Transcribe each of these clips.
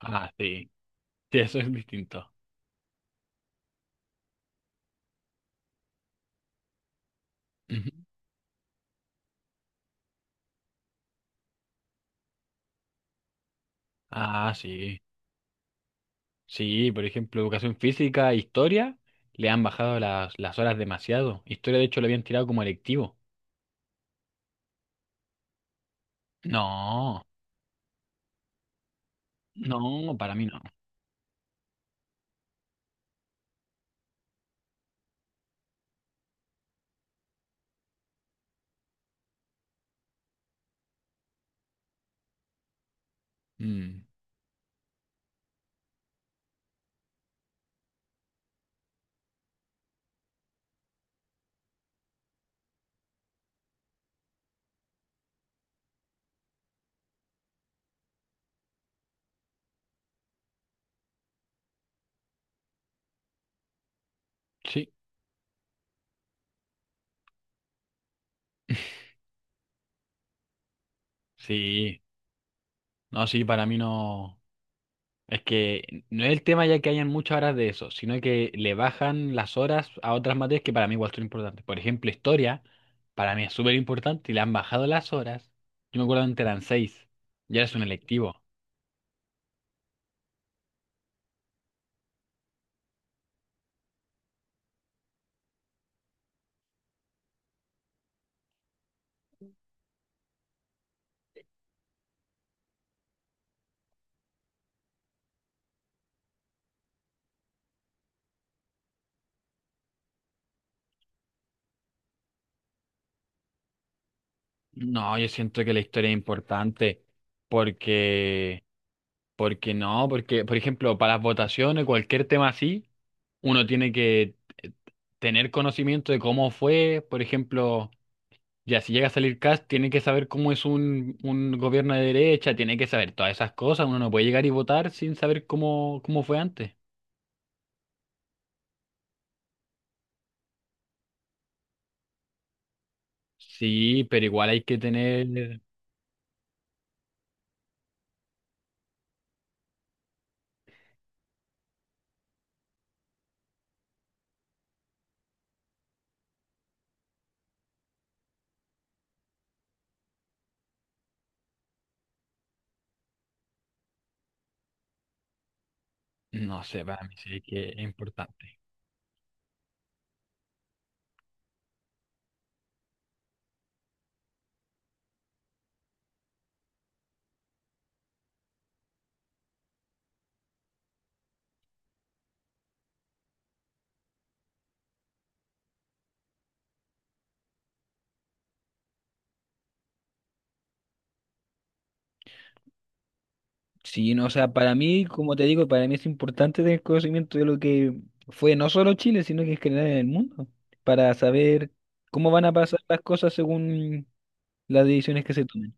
Ah, sí. Sí, eso es distinto. Ujú. Ah, sí. Sí, por ejemplo, educación física, historia, le han bajado las horas demasiado. Historia, de hecho, lo habían tirado como electivo. No, no, para mí no. Mm, sí, sí. No, sí, para mí no. Es que no es el tema ya que hayan muchas horas de eso, sino que le bajan las horas a otras materias que para mí igual son importantes. Por ejemplo, historia, para mí es súper importante y le han bajado las horas. Yo me acuerdo antes eran seis, ya es un electivo. No, yo siento que la historia es importante porque, porque no, porque, por ejemplo, para las votaciones, cualquier tema así, uno tiene que eh, tener conocimiento de cómo fue, por ejemplo. Ya, si llega a salir Cast, tiene que saber cómo es un gobierno de derecha, tiene que saber todas esas cosas. Uno no puede llegar y votar sin saber cómo fue antes. Sí, pero igual hay que tener, no sé, para mí sí que es importante. Sí, no, o sea, para mí, como te digo, para mí es importante tener conocimiento de lo que fue no solo Chile, sino que es general en el mundo, para saber cómo van a pasar las cosas según las decisiones que se tomen.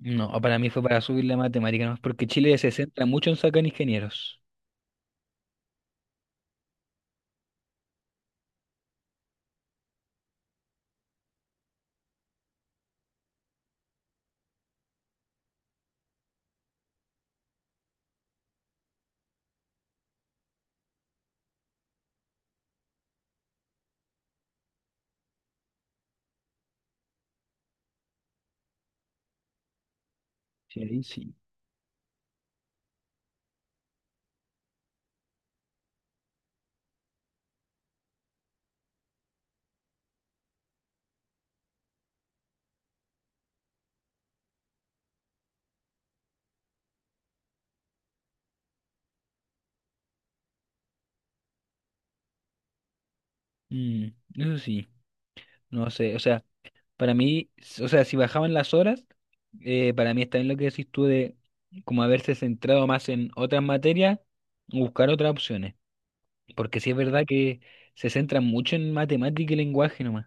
No, para mí fue para subir la matemática, ¿no? Porque Chile se centra mucho en sacar ingenieros. Sí, ahí sí. Mm, eso sí, no sé, o sea, para mí, o sea, si bajaban las horas, para mí está bien lo que decís tú de como haberse centrado más en otras materias, buscar otras opciones, porque sí es verdad que se centran mucho en matemática y lenguaje nomás,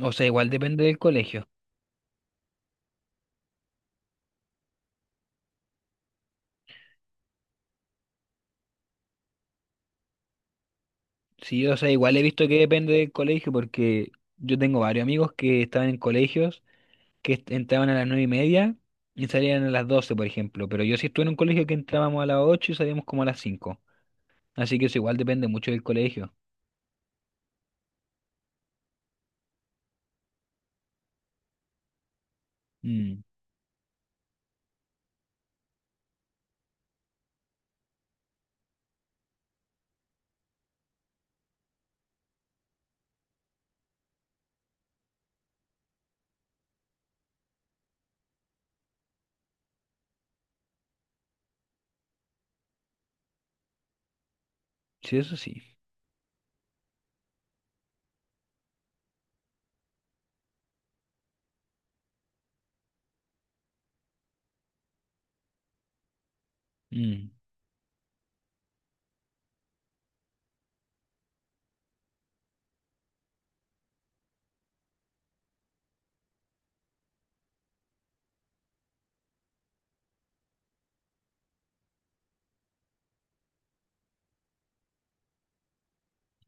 o sea, igual depende del colegio. Sí, o sea, igual he visto que depende del colegio, porque yo tengo varios amigos que estaban en colegios que entraban a las 9:30 y salían a las 12:00 por ejemplo. Pero yo sí estuve en un colegio que entrábamos a las 8:00 y salíamos como a las 5:00. Así que eso igual depende mucho del colegio. Mm, sí, eso sí. Mm,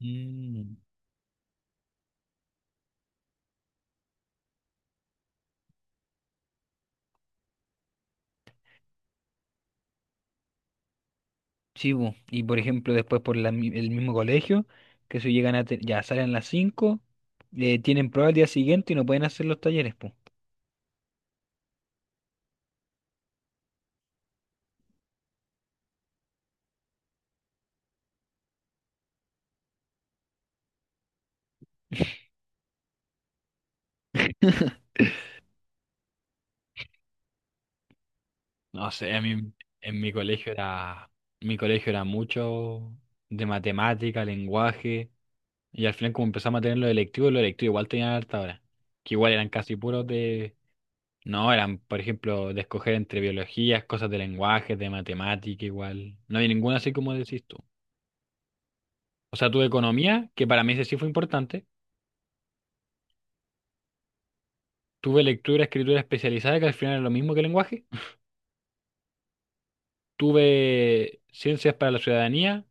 mm. Sí, bu. Y por ejemplo, después por la el mismo colegio, que si llegan a... Ya salen a las 5:00, tienen prueba el día siguiente y no pueden hacer los talleres, pues. No sé, a mí en mi colegio era mucho de matemática, lenguaje. Y al final como empezamos a tener los electivos igual tenían harta hora. Que igual eran casi puros de... No, eran, por ejemplo, de escoger entre biologías, cosas de lenguajes, de matemática, igual. No había ninguna así como decís tú. O sea, tuve economía, que para mí ese sí fue importante. Tuve lectura, escritura especializada, que al final era lo mismo que lenguaje. Tuve ciencias para la ciudadanía,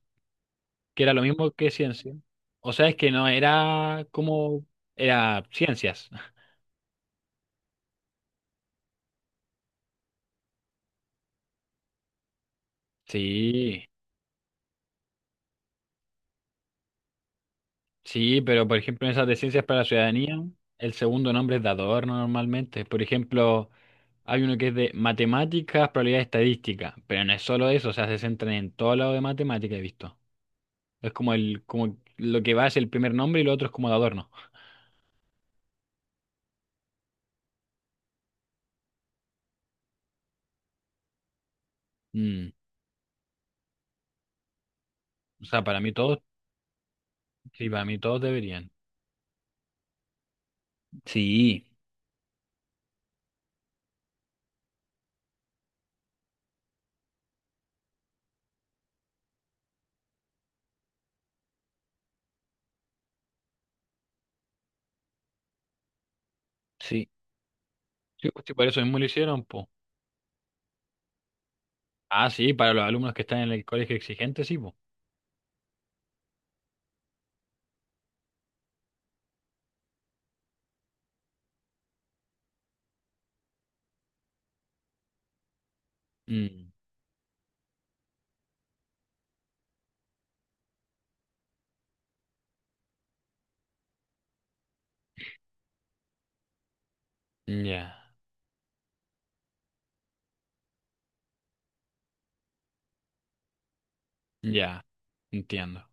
que era lo mismo que ciencia. O sea, es que no era como... Era ciencias. Sí. Sí, pero por ejemplo en esas de ciencias para la ciudadanía, el segundo nombre es de adorno normalmente. Por ejemplo, hay uno que es de matemáticas, probabilidad estadística, pero no es solo eso, o sea, se centran en todo lado de matemática, he visto. Es como el, como lo que va es el primer nombre y lo otro es como de adorno. Mm. O sea, para mí todos, sí, para mí todos deberían. Sí, sí. Sí, pues, sí, por eso mismo lo hicieron, po. Ah, sí, para los alumnos que están en el colegio exigente, sí, po. Mm, ya, ya, entiendo.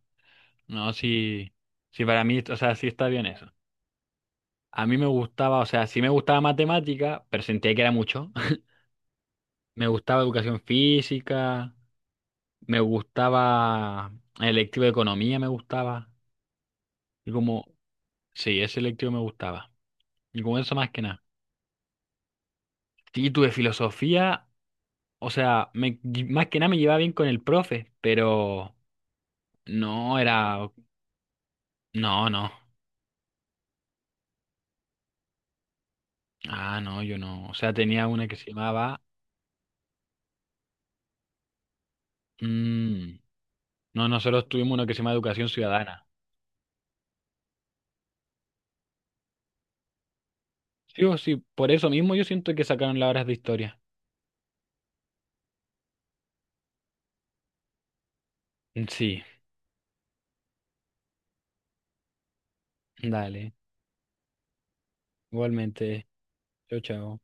No, sí, sí, para mí, o sea, sí está bien eso. A mí me gustaba, o sea, sí me gustaba matemática, pero sentía que era mucho. Me gustaba educación física, me gustaba el electivo de economía, me gustaba. Y como, sí, ese electivo me gustaba. Y como eso más que nada. Y tuve filosofía, o sea, me, más que nada me llevaba bien con el profe, pero no era, no, no. Ah, no, yo no. O sea, tenía una que se llamaba... Mm, no, nosotros tuvimos una que se llama Educación Ciudadana. Sí, o sí, por eso mismo yo siento que sacaron las horas de historia. Mm, sí, dale. Igualmente. Chao, chao.